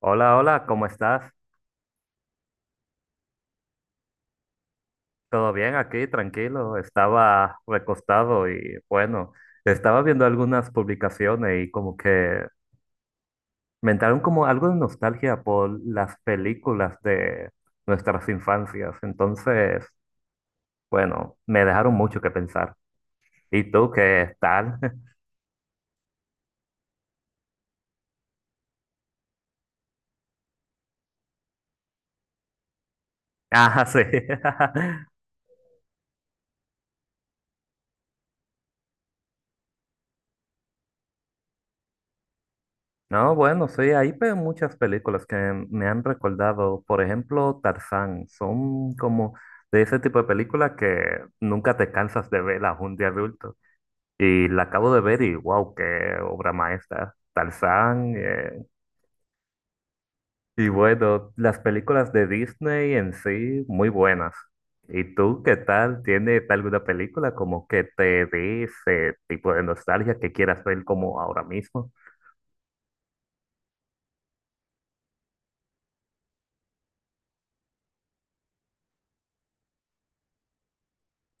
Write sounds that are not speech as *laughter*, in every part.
Hola, hola, ¿cómo estás? ¿Todo bien aquí? Tranquilo. Estaba recostado y bueno, estaba viendo algunas publicaciones y como que me entraron como algo de nostalgia por las películas de nuestras infancias. Entonces, bueno, me dejaron mucho que pensar. ¿Y tú qué tal? *laughs* Ah, sí. *laughs* No, bueno, sí, hay muchas películas que me han recordado, por ejemplo, Tarzán, son como de ese tipo de películas que nunca te cansas de verlas un día adulto. Y la acabo de ver y wow, qué obra maestra, Tarzán. Y bueno, las películas de Disney en sí, muy buenas. ¿Y tú qué tal? ¿Tienes alguna película como que te dé ese tipo de nostalgia que quieras ver como ahora mismo?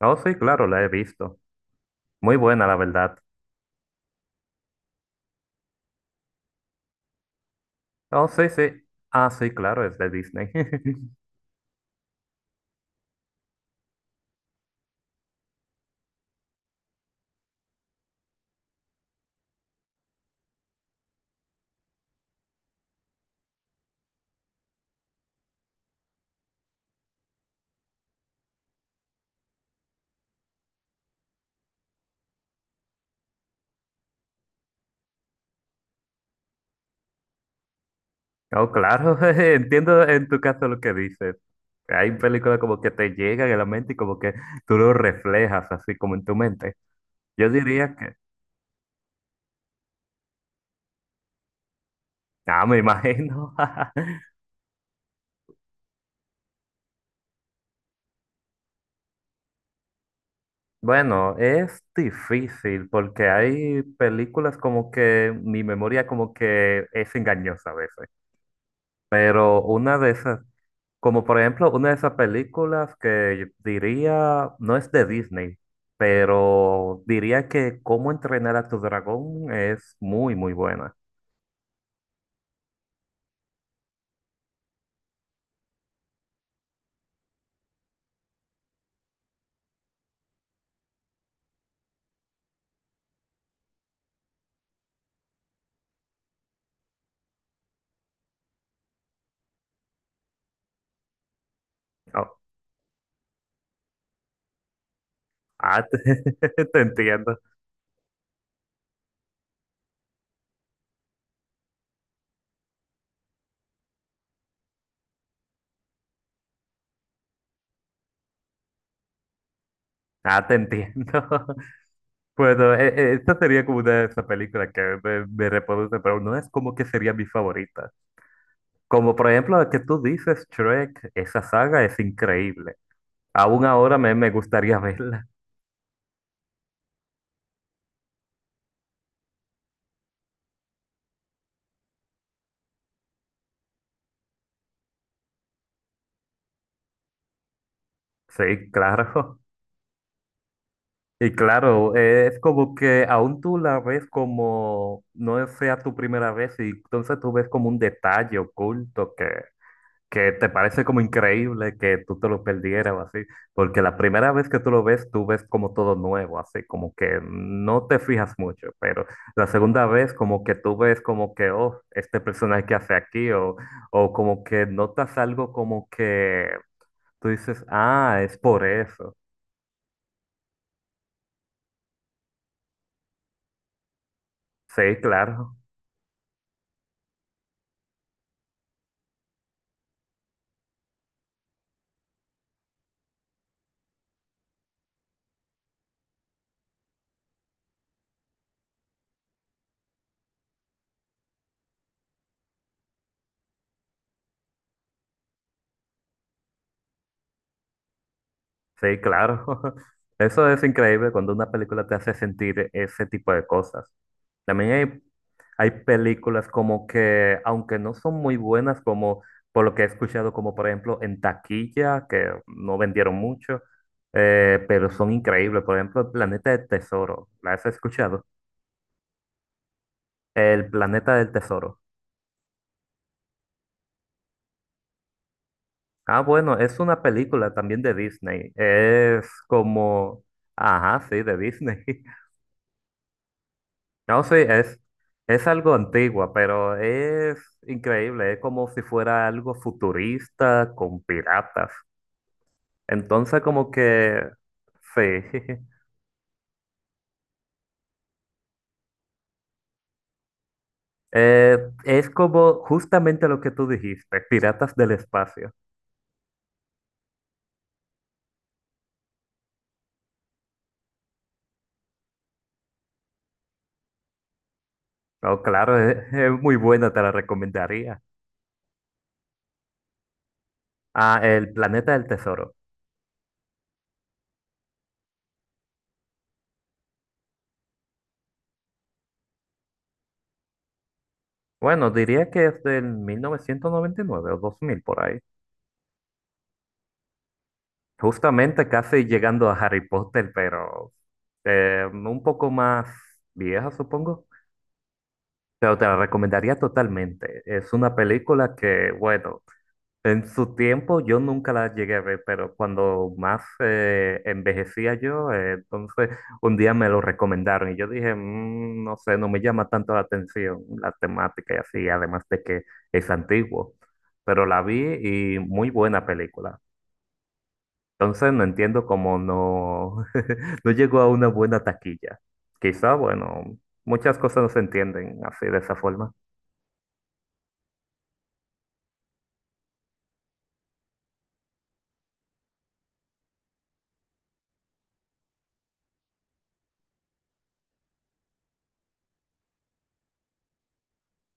Oh, sí, claro, la he visto. Muy buena, la verdad. Oh, sí, sí. Ah, sí, claro, es de Disney. *laughs* Oh, claro, *laughs* entiendo en tu caso lo que dices. Hay películas como que te llegan a la mente y como que tú lo reflejas así como en tu mente. Yo diría que, ah, me imagino. *laughs* Bueno, es difícil porque hay películas como que mi memoria como que es engañosa a veces. Pero una de esas. Como por ejemplo, una de esas películas que yo diría, no es de Disney, pero diría que Cómo entrenar a tu dragón es muy, muy buena. Oh, ah, *laughs* te entiendo. Ah, te entiendo. *laughs* Bueno, esta sería como una de esas películas que me reproduce, pero no es como que sería mi favorita. Como por ejemplo la que tú dices, Shrek, esa saga es increíble. Aún ahora me gustaría verla. *laughs* Sí, claro. Y claro, es como que aún tú la ves como no sea tu primera vez y entonces tú ves como un detalle oculto que te parece como increíble que tú te lo perdieras o así, porque la primera vez que tú lo ves, tú ves como todo nuevo, así como que no te fijas mucho, pero la segunda vez como que tú ves como que, oh, este personaje que hace aquí o como que notas algo como que tú dices, ah, es por eso. Sí, claro. Sí, claro. *laughs* Eso es increíble cuando una película te hace sentir ese tipo de cosas. También hay películas como que, aunque no son muy buenas, como por lo que he escuchado, como por ejemplo en taquilla, que no vendieron mucho, pero son increíbles. Por ejemplo, El Planeta del Tesoro. ¿La has escuchado? El Planeta del Tesoro. Ah, bueno, es una película también de Disney. Es como... Ajá, sí, de Disney. *laughs* No, sí, es algo antigua, pero es increíble, es como si fuera algo futurista con piratas. Entonces, como que, sí, *laughs* Eh, es como justamente lo que tú dijiste, Piratas del Espacio. No, claro, *laughs* es muy buena, te la recomendaría. Ah, El Planeta del Tesoro. Bueno, diría que es del 1999 o 2000 por ahí. Justamente casi llegando a Harry Potter, pero un poco más vieja, supongo. Pero te la recomendaría totalmente. Es una película que, bueno, en su tiempo yo nunca la llegué a ver, pero cuando más envejecía yo, entonces un día me lo recomendaron y yo dije, "Mm, no sé, no me llama tanto la atención la temática y así, además de que es antiguo". Pero la vi y muy buena película. Entonces no entiendo cómo no, *laughs* no llegó a una buena taquilla. Quizá, bueno, muchas cosas no se entienden así de esa forma.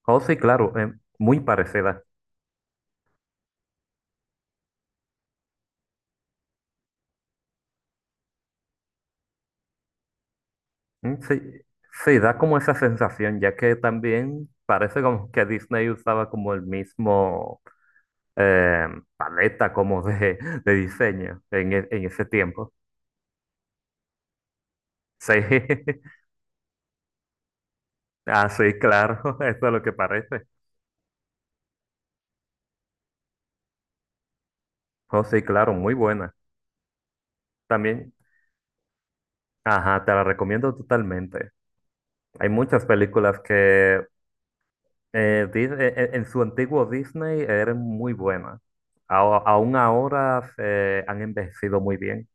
Oh, sí, claro, muy parecida. Mm, sí, sí, da como esa sensación, ya que también parece como que Disney usaba como el mismo eh, paleta como de, *laughs* de diseño en ese tiempo. Sí, *laughs* ah, sí, claro, *laughs* eso es lo que parece. Oh, sí, claro, muy buena. También, ajá, te la recomiendo totalmente. Hay muchas películas que en su antiguo Disney eran muy buenas. Aún ahora se han envejecido muy bien.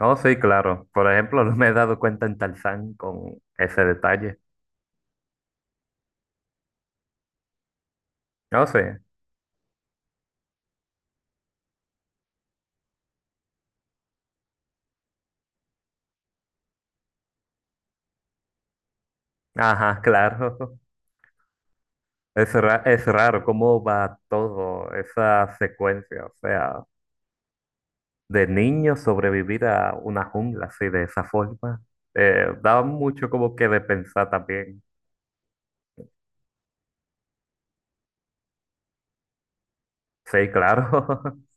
Oh, sí, claro. Por ejemplo, *laughs* no me he dado cuenta en Tarzán con ese detalle. Oh, sí. Ajá, *laughs* claro. Es raro cómo va todo esa secuencia. O sea, de niño sobrevivir a una jungla así de esa forma. Da mucho como que de pensar también. Sí, claro. *laughs*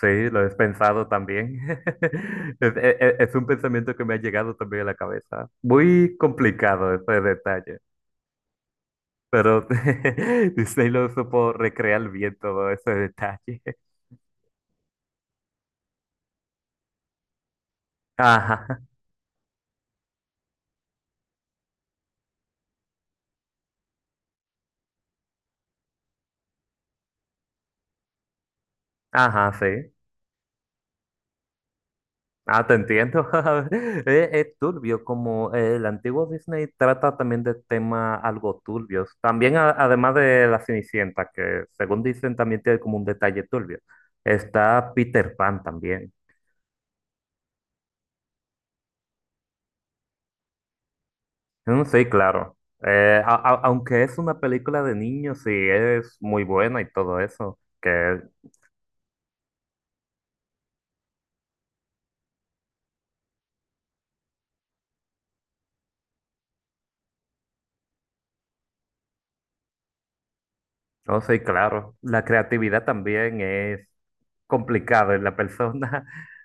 Sí, lo he pensado también. *laughs* Es un pensamiento que me ha llegado también a la cabeza. Muy complicado ese detalle, pero *laughs* Disney lo supo recrear bien todo ese detalle. *laughs* Ajá, ajá, sí. Ah, te entiendo. *laughs* Es turbio como el antiguo Disney trata también de temas algo turbios. También además de La Cenicienta, que según dicen también tiene como un detalle turbio. Está Peter Pan también. Mm, sí, claro. Aunque es una película de niños, sí, es muy buena y todo eso, que, no sí, claro. La creatividad también es complicado en la persona. *laughs*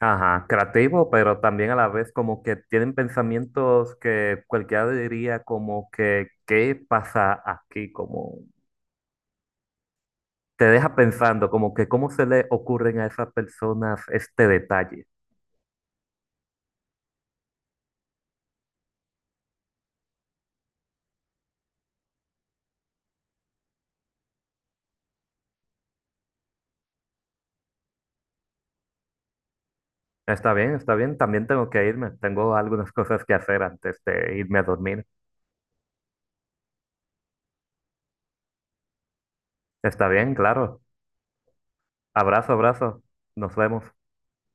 Ajá, creativo, pero también a la vez como que tienen pensamientos que cualquiera diría como que, ¿qué pasa aquí? Como te deja pensando, como que cómo se le ocurren a esas personas este detalle. Está bien, está bien. También tengo que irme. Tengo algunas cosas que hacer antes de irme a dormir. Está bien, claro. Abrazo, abrazo. Nos vemos.